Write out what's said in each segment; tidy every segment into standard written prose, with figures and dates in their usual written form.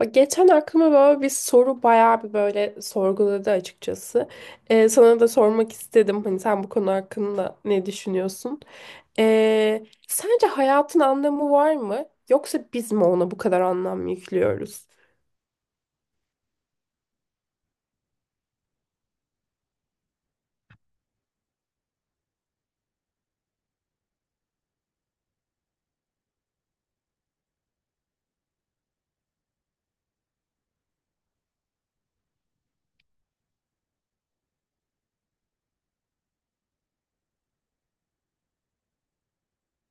Bak geçen aklıma böyle bir soru bayağı bir böyle sorguladı açıkçası. Sana da sormak istedim. Hani sen bu konu hakkında ne düşünüyorsun? Sence hayatın anlamı var mı? Yoksa biz mi ona bu kadar anlam yüklüyoruz?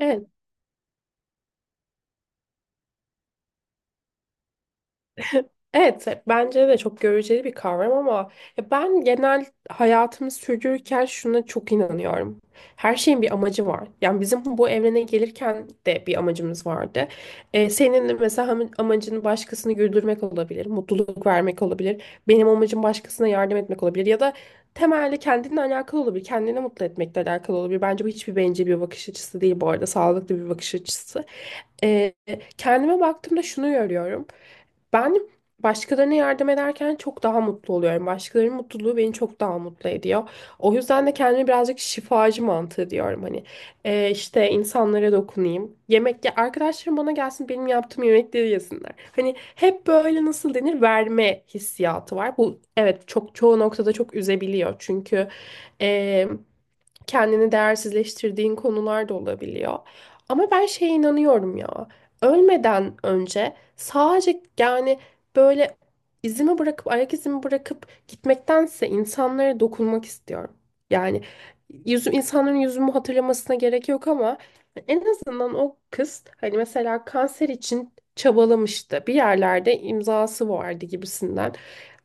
Evet. Evet, bence de çok göreceli bir kavram ama ya ben genel hayatımı sürdürürken şuna çok inanıyorum. Her şeyin bir amacı var. Yani bizim bu evrene gelirken de bir amacımız vardı. Senin de mesela amacın başkasını güldürmek olabilir, mutluluk vermek olabilir. Benim amacım başkasına yardım etmek olabilir ya da temelli kendinle alakalı olabilir, kendini mutlu etmekle alakalı olabilir. Bence bu hiçbir bencil bir bakış açısı değil bu arada, sağlıklı bir bakış açısı. Ee, Kendime baktığımda şunu görüyorum. Ben başkalarına yardım ederken çok daha mutlu oluyorum. Başkalarının mutluluğu beni çok daha mutlu ediyor. O yüzden de kendime birazcık şifacı mantığı diyorum. Hani işte insanlara dokunayım. Yemek ya arkadaşlarım bana gelsin benim yaptığım yemekleri yesinler. Hani hep böyle nasıl denir verme hissiyatı var. Bu evet çok çoğu noktada çok üzebiliyor. Çünkü e, kendini değersizleştirdiğin konular da olabiliyor. Ama ben şeye inanıyorum ya. Ölmeden önce sadece yani böyle izimi bırakıp ayak izimi bırakıp gitmektense insanlara dokunmak istiyorum. Yani yüzüm insanların yüzümü hatırlamasına gerek yok ama en azından o kız hani mesela kanser için çabalamıştı. Bir yerlerde imzası vardı gibisinden.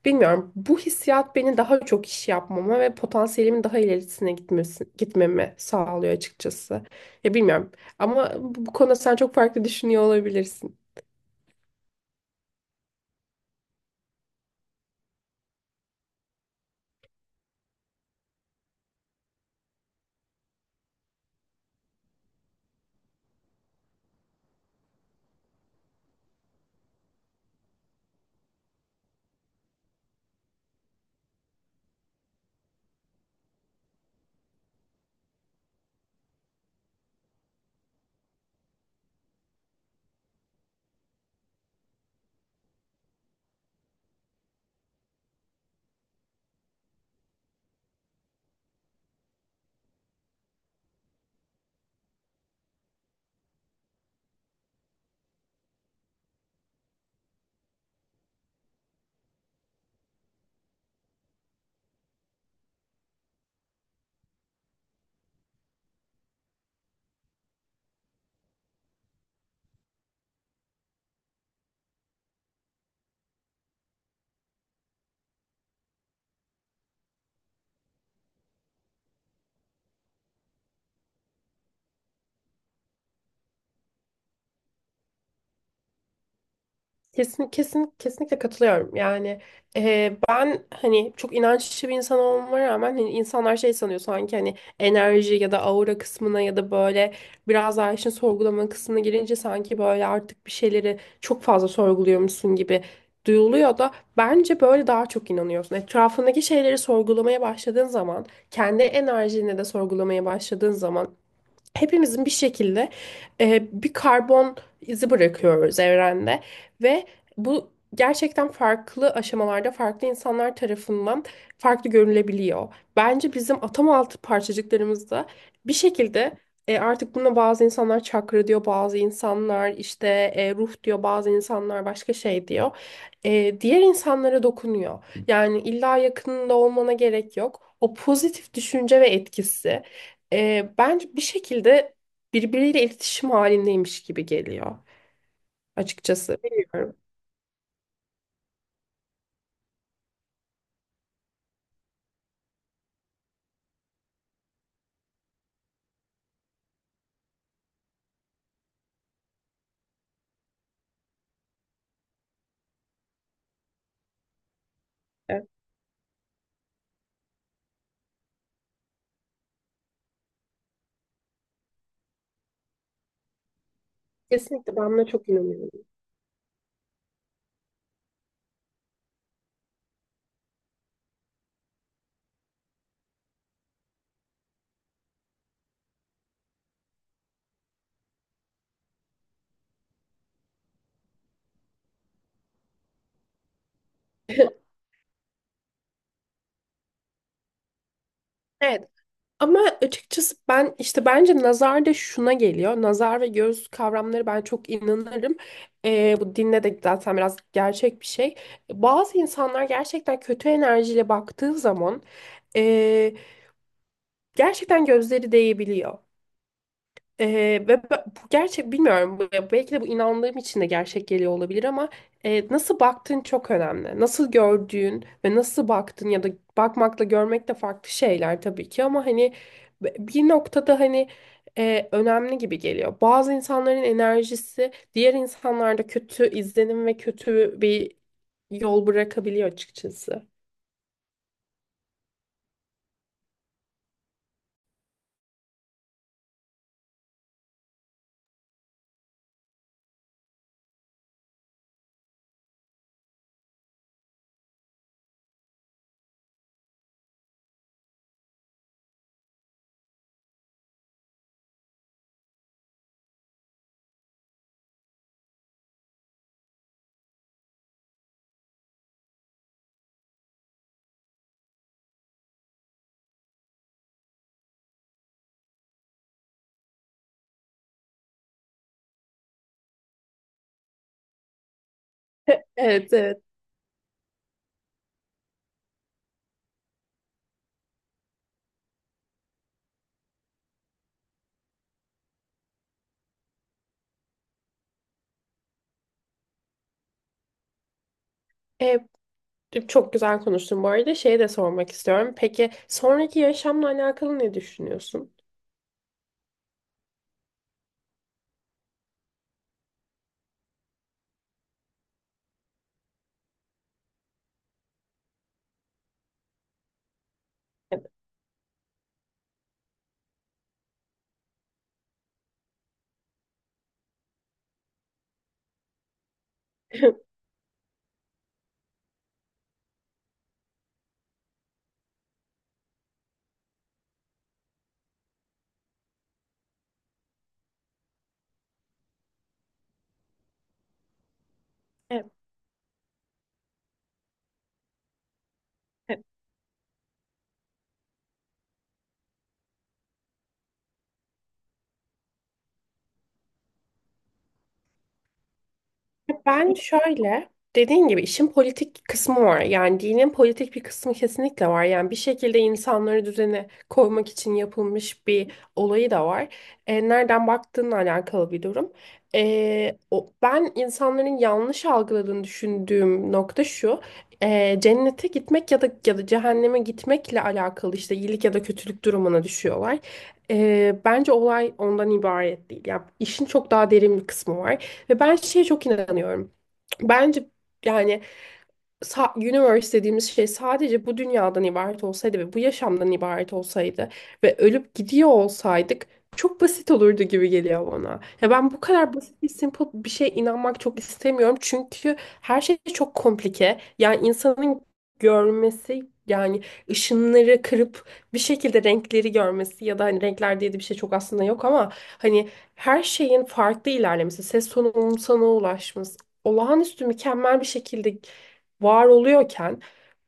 Bilmiyorum. Bu hissiyat beni daha çok iş yapmama ve potansiyelimin daha ilerisine gitmesi, gitmemi sağlıyor açıkçası. Ya bilmiyorum. Ama bu konuda sen çok farklı düşünüyor olabilirsin. Kesin, kesin, kesinlikle katılıyorum. Yani ben hani çok inançlı bir insan olmama rağmen hani insanlar şey sanıyor sanki hani enerji ya da aura kısmına ya da böyle biraz daha işin sorgulama kısmına girince sanki böyle artık bir şeyleri çok fazla sorguluyormuşsun gibi duyuluyor da bence böyle daha çok inanıyorsun. Etrafındaki şeyleri sorgulamaya başladığın zaman kendi enerjini de sorgulamaya başladığın zaman hepimizin bir şekilde bir karbon izi bırakıyoruz evrende ve bu gerçekten farklı aşamalarda farklı insanlar tarafından farklı görülebiliyor. Bence bizim atom altı parçacıklarımızda bir şekilde artık buna bazı insanlar çakra diyor, bazı insanlar işte ruh diyor, bazı insanlar başka şey diyor. Diğer insanlara dokunuyor. Yani illa yakınında olmana gerek yok. O pozitif düşünce ve etkisi bence bir şekilde birbiriyle iletişim halindeymiş gibi geliyor açıkçası. Bilmiyorum. Evet. Kesinlikle ben buna çok inanıyorum. Evet, ama açıkçası ben işte bence nazar da şuna geliyor. Nazar ve göz kavramları ben çok inanırım. Bu dinde de zaten biraz gerçek bir şey. Bazı insanlar gerçekten kötü enerjiyle baktığı zaman ee, gerçekten gözleri değebiliyor. Ve bu gerçek bilmiyorum belki de bu inandığım için de gerçek geliyor olabilir ama nasıl baktığın çok önemli. Nasıl gördüğün ve nasıl baktın ya da bakmakla görmek de farklı şeyler tabii ki ama hani bir noktada hani önemli gibi geliyor. Bazı insanların enerjisi diğer insanlarda kötü izlenim ve kötü bir yol bırakabiliyor açıkçası. Evet, evet. E, Çok güzel konuştun bu arada. Şeyi de sormak istiyorum. Peki sonraki yaşamla alakalı ne düşünüyorsun? Evet. Ben şöyle, dediğin gibi işin politik kısmı var. Yani dinin politik bir kısmı kesinlikle var. Yani bir şekilde insanları düzene koymak için yapılmış bir olayı da var. Nereden baktığınla alakalı bir durum. Ben insanların yanlış algıladığını düşündüğüm nokta şu. Cennete gitmek ya da cehenneme gitmekle alakalı işte iyilik ya da kötülük durumuna düşüyorlar. Bence olay ondan ibaret değil. Yani işin çok daha derin bir kısmı var. Ve ben şeye çok inanıyorum. Bence yani universe dediğimiz şey sadece bu dünyadan ibaret olsaydı ve bu yaşamdan ibaret olsaydı ve ölüp gidiyor olsaydık çok basit olurdu gibi geliyor bana. Ya ben bu kadar basit bir simple bir şeye inanmak çok istemiyorum çünkü her şey çok komplike. Yani insanın görmesi yani ışınları kırıp bir şekilde renkleri görmesi ya da hani renkler diye de bir şey çok aslında yok ama hani her şeyin farklı ilerlemesi, ses tonunun sana ulaşması, olağanüstü mükemmel bir şekilde var oluyorken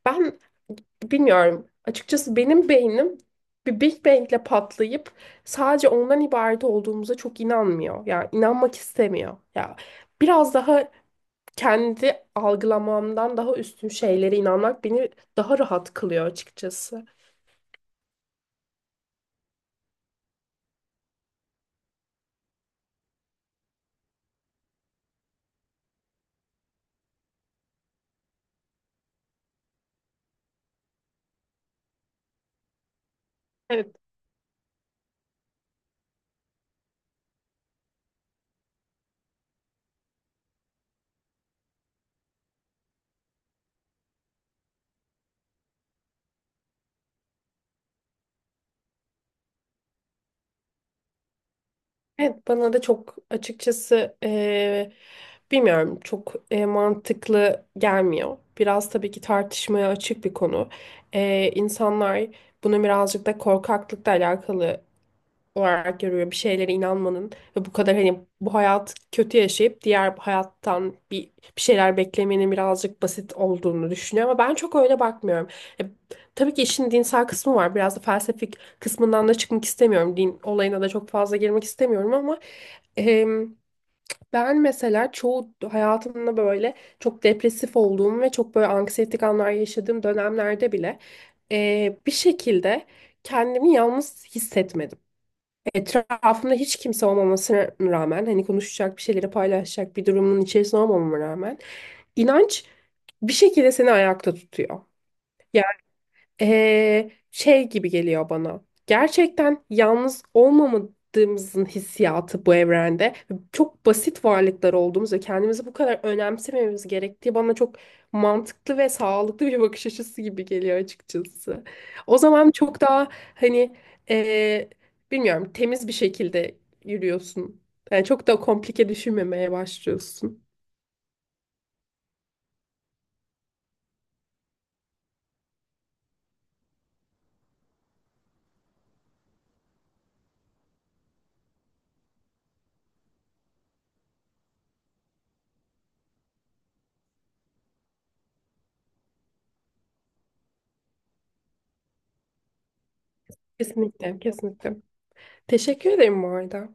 ben bilmiyorum. Açıkçası benim beynim bir Big Bang'le patlayıp sadece ondan ibaret olduğumuza çok inanmıyor. Yani inanmak istemiyor. Ya biraz daha kendi algılamamdan daha üstün şeylere inanmak beni daha rahat kılıyor açıkçası. Evet. Evet bana da çok açıkçası bilmiyorum çok mantıklı gelmiyor. Biraz tabii ki tartışmaya açık bir konu. İnsanlar bunu birazcık da korkaklıkla alakalı olarak görüyor. Bir şeylere inanmanın ve bu kadar hani bu hayat kötü yaşayıp diğer hayattan bir şeyler beklemenin birazcık basit olduğunu düşünüyor ama ben çok öyle bakmıyorum. E, tabii ki işin dinsel kısmı var. Biraz da felsefik kısmından da çıkmak istemiyorum. Din olayına da çok fazla girmek istemiyorum ama em, ben mesela çoğu hayatımda böyle çok depresif olduğum ve çok böyle anksiyetik anlar yaşadığım dönemlerde bile bir şekilde kendimi yalnız hissetmedim. Etrafımda hiç kimse olmamasına rağmen hani konuşacak bir şeyleri paylaşacak bir durumun içerisinde olmamama rağmen inanç bir şekilde seni ayakta tutuyor. Şey gibi geliyor bana. Gerçekten yalnız olmamadığımızın hissiyatı bu evrende. Çok basit varlıklar olduğumuz ve kendimizi bu kadar önemsememiz gerektiği bana çok mantıklı ve sağlıklı bir bakış açısı gibi geliyor açıkçası. O zaman çok daha hani ee, bilmiyorum temiz bir şekilde yürüyorsun. Yani çok da komplike düşünmemeye başlıyorsun. Kesinlikle, kesinlikle. Teşekkür ederim bu arada.